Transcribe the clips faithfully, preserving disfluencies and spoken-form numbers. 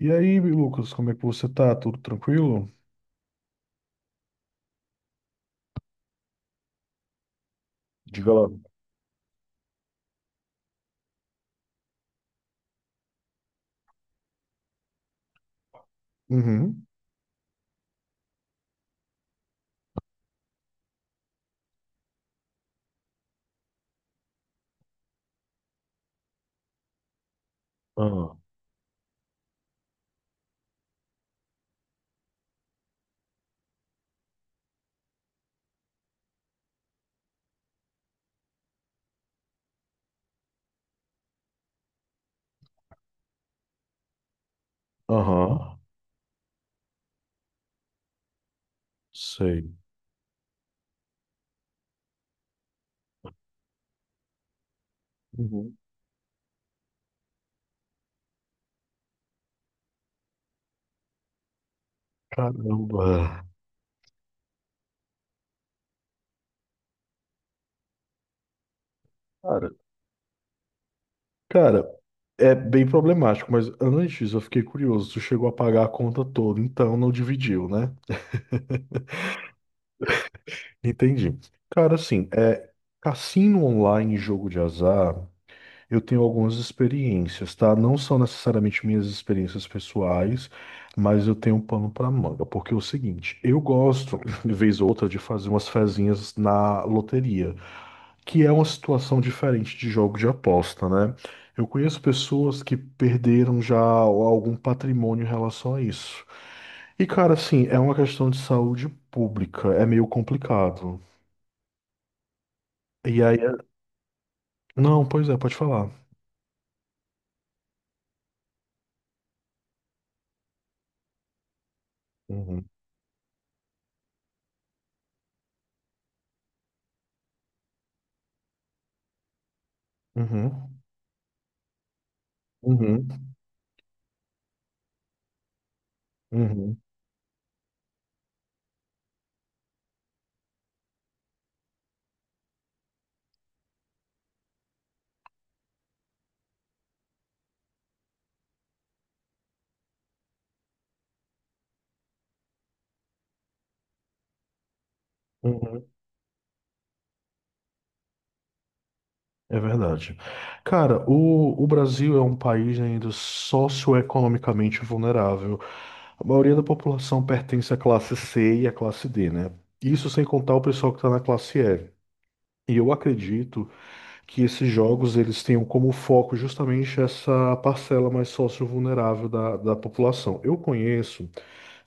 E aí, Lucas, como é que você tá? Tudo tranquilo? Diga lá. Uhum. Ah, aham, sei. Uhum. Caramba. Cara, Cara, é bem problemático, mas antes eu fiquei curioso. Tu chegou a pagar a conta toda, então não dividiu, né? Entendi. Cara, assim, é, cassino online e jogo de azar. Eu tenho algumas experiências, tá? Não são necessariamente minhas experiências pessoais, mas eu tenho um pano para manga, porque é o seguinte, eu gosto, de vez ou outra, de fazer umas fezinhas na loteria, que é uma situação diferente de jogo de aposta, né? Eu conheço pessoas que perderam já algum patrimônio em relação a isso. E, cara, assim, é uma questão de saúde pública, é meio complicado. E aí, é- não, pois é, pode falar. Uhum, uhum, uhum, uhum, uhum. É verdade. Cara, o, o Brasil é um país ainda socioeconomicamente vulnerável. A maioria da população pertence à classe C e à classe D, né? Isso sem contar o pessoal que está na classe E. E eu acredito que esses jogos eles tenham como foco justamente essa parcela mais socio-vulnerável da, da população. Eu conheço.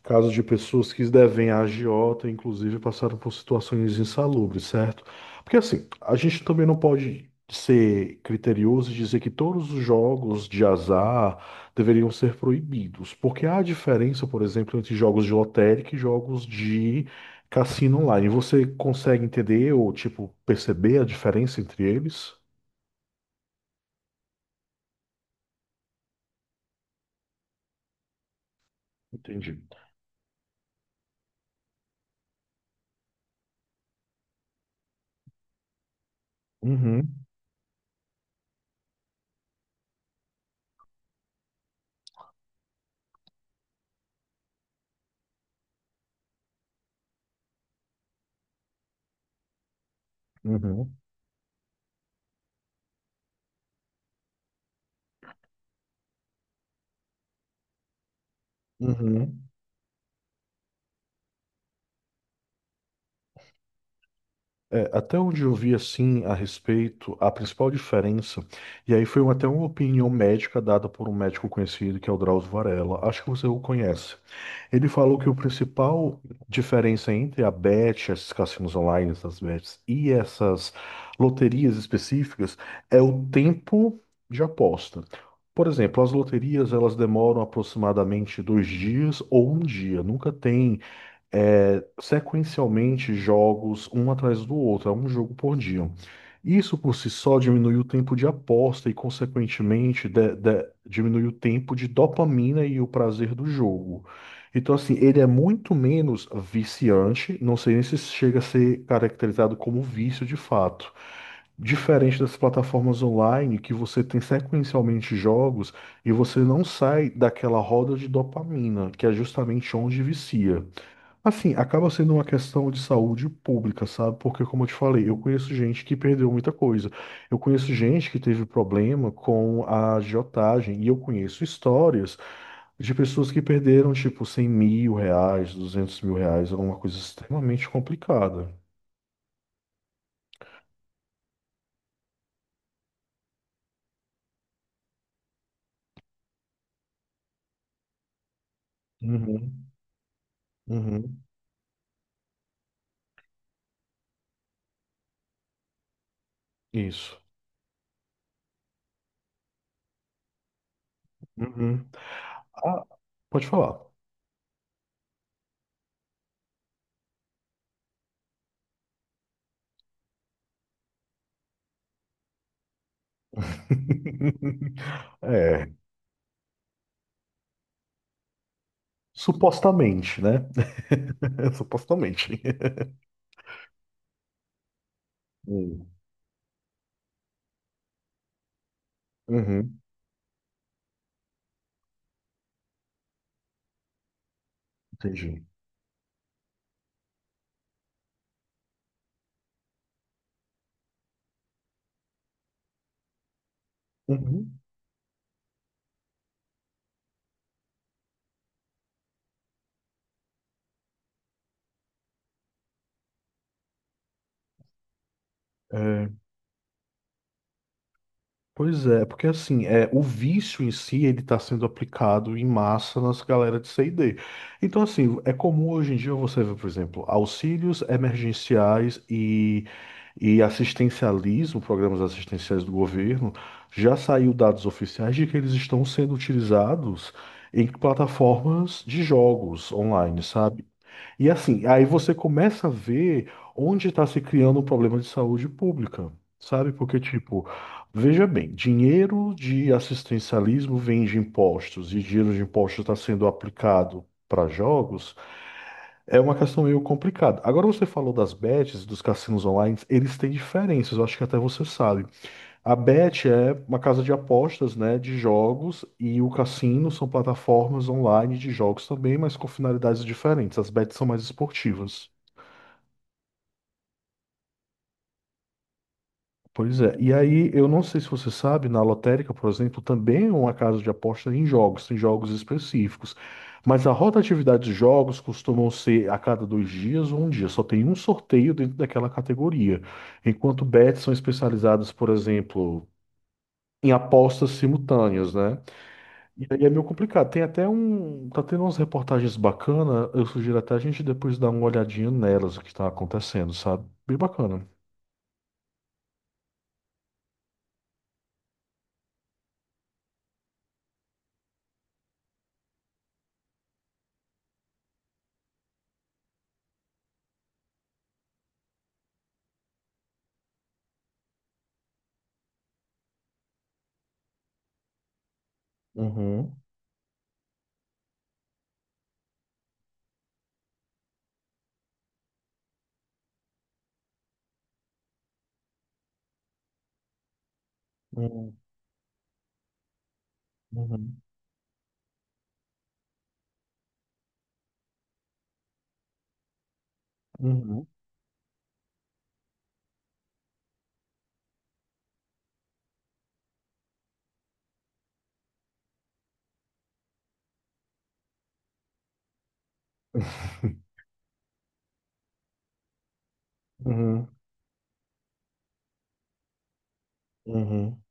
Casos de pessoas que devem a agiota, inclusive, passaram por situações insalubres, certo? Porque assim, a gente também não pode ser criterioso e dizer que todos os jogos de azar deveriam ser proibidos, porque há diferença, por exemplo, entre jogos de lotérica e jogos de cassino online. Você consegue entender ou, tipo, perceber a diferença entre eles? Entendi. Uhum, uhum, uhum. É, até onde eu vi assim a respeito, a principal diferença, e aí foi um, até uma opinião médica dada por um médico conhecido que é o Drauzio Varella, acho que você o conhece. Ele falou que o principal diferença entre a Bet, esses cassinos online, essas bets e essas loterias específicas é o tempo de aposta. Por exemplo, as loterias elas demoram aproximadamente dois dias ou um dia, nunca tem é, sequencialmente jogos um atrás do outro, é um jogo por dia. Isso por si só diminui o tempo de aposta e, consequentemente, de- de- diminui o tempo de dopamina e o prazer do jogo. Então, assim, ele é muito menos viciante, não sei nem se chega a ser caracterizado como vício de fato. Diferente das plataformas online, que você tem sequencialmente jogos e você não sai daquela roda de dopamina, que é justamente onde vicia. Assim, acaba sendo uma questão de saúde pública, sabe? Porque, como eu te falei, eu conheço gente que perdeu muita coisa. Eu conheço gente que teve problema com a agiotagem. E eu conheço histórias de pessoas que perderam, tipo, cem mil reais, duzentos mil reais, alguma coisa extremamente complicada. Uhum, uhum, isso. Uhum. Ah, pode falar. É, supostamente, né? Supostamente. Hum. Uhum, entendi. Uhum. É, pois é, porque assim, é, o vício em si, ele está sendo aplicado em massa nas galera de C e D. Então, assim, é comum hoje em dia você ver, por exemplo, auxílios emergenciais e, e assistencialismo, programas assistenciais do governo, já saiu dados oficiais de que eles estão sendo utilizados em plataformas de jogos online, sabe? E assim, aí você começa a ver onde está se criando o problema de saúde pública, sabe? Porque, tipo, veja bem, dinheiro de assistencialismo vem de impostos e dinheiro de impostos está sendo aplicado para jogos, é uma questão meio complicada. Agora você falou das bets, dos cassinos online, eles têm diferenças, eu acho que até você sabe. A bet é uma casa de apostas, né, de jogos, e o cassino são plataformas online de jogos também, mas com finalidades diferentes. As bets são mais esportivas. Pois é. E aí, eu não sei se você sabe, na lotérica, por exemplo, também é uma casa de aposta em jogos, em jogos específios. Mas a rotatividade de jogos costumam ser a cada dois dias ou um dia. Só tem um sorteio dentro daquela categoria. Enquanto bets são especializadas, por exemplo, em apostas simultâneas, né? E aí é meio complicado. Tem até um. Tá tendo umas reportagens bacanas. Eu sugiro até a gente depois dar uma olhadinha nelas, o que tá acontecendo, sabe? Bem bacana. Uhum, uhum, uhum, uhum. Uhum, uhum,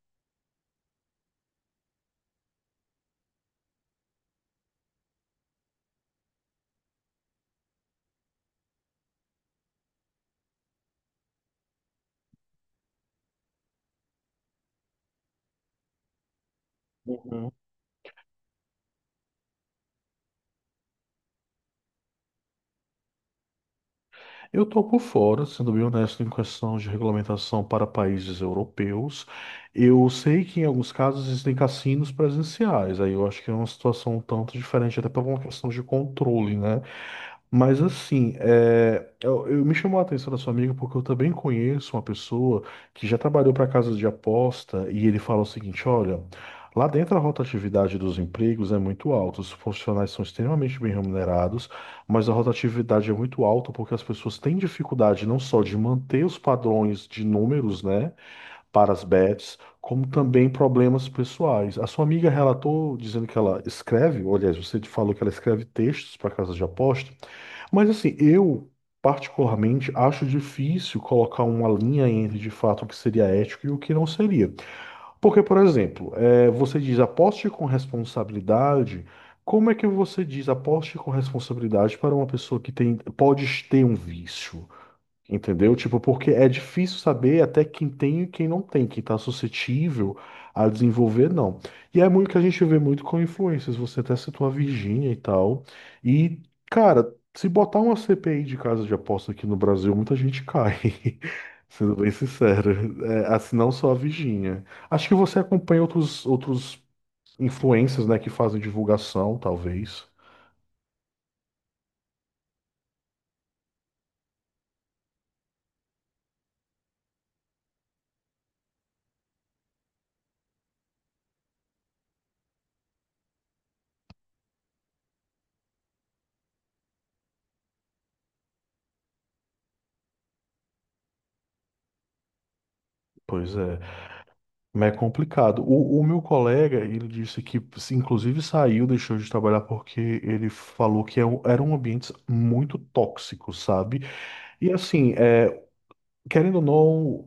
uhum. Eu tô por fora, sendo bem honesto, em questão de regulamentação para países europeus. Eu sei que em alguns casos existem cassinos presenciais, aí eu acho que é uma situação um tanto diferente, até por uma questão de controle, né? Mas assim, é, eu, eu- me chamou a atenção da sua amiga porque eu também conheço uma pessoa que já trabalhou para casas de aposta e ele fala o seguinte: olha, lá dentro a rotatividade dos empregos é muito alta, os profissionais são extremamente bem remunerados, mas a rotatividade é muito alta porque as pessoas têm dificuldade não só de manter os padrões de números, né, para as bets, como também problemas pessoais. A sua amiga relatou dizendo que ela escreve, ou, aliás, você falou que ela escreve textos para casas de aposta. Mas assim, eu particularmente acho difícil colocar uma linha entre de fato o que seria ético e o que não seria. Porque, por exemplo, eh, você diz aposte com responsabilidade. Como é que você diz aposte com responsabilidade para uma pessoa que tem, pode ter um vício? Entendeu? Tipo, porque é difícil saber até quem tem e quem não tem, quem está suscetível a desenvolver, não. E é muito que a gente vê muito com influências. Você até citou a Virgínia e tal. E, cara, se botar uma C P I de casa de aposta aqui no Brasil, muita gente cai. Sendo bem sincero. É, assim, não só a Virgínia. Acho que você acompanha outros, outros influencers, né, que fazem divulgação, talvez. Pois é. Mas é complicado. O, o meu colega, ele disse que, se- inclusive, saiu, deixou de trabalhar porque ele falou que é um- eram ambientes muito tóxico sabe? E assim, é, querendo ou não,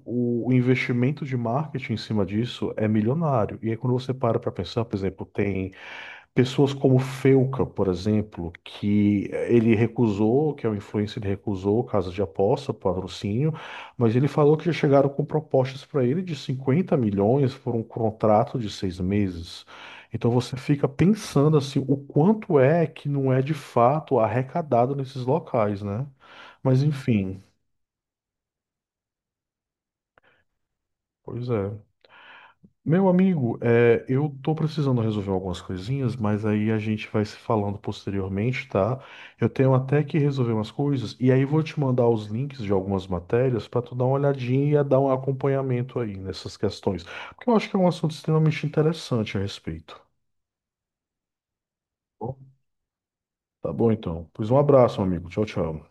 o, o investimento de marketing em cima disso é milionário. E aí, quando você para para pensar, por exemplo, tem. Pessoas como Felca, por exemplo, que eh, ele recusou, que é o influencer, ele recusou casa de aposta, patrocínio, mas ele falou que já chegaram com propostas para ele de cinquenta milhões por um contrato de seis meses. Então você fica pensando assim, o quanto é que não é de fato arrecadado nesses locais, né? Mas enfim, pois é. Meu amigo, é, eu tô precisando resolver algumas coisinhas, mas aí a gente vai se falando posteriormente, tá? Eu tenho até que resolver umas coisas, e aí vou te mandar os links de algumas matérias para tu dar uma olhadinha e dar um acompanhamento aí nessas questões, porque eu acho que é um assunto extremamente interessante a respeito. Bom, tá bom, então? Pois um abraço, meu amigo. Tchau, tchau.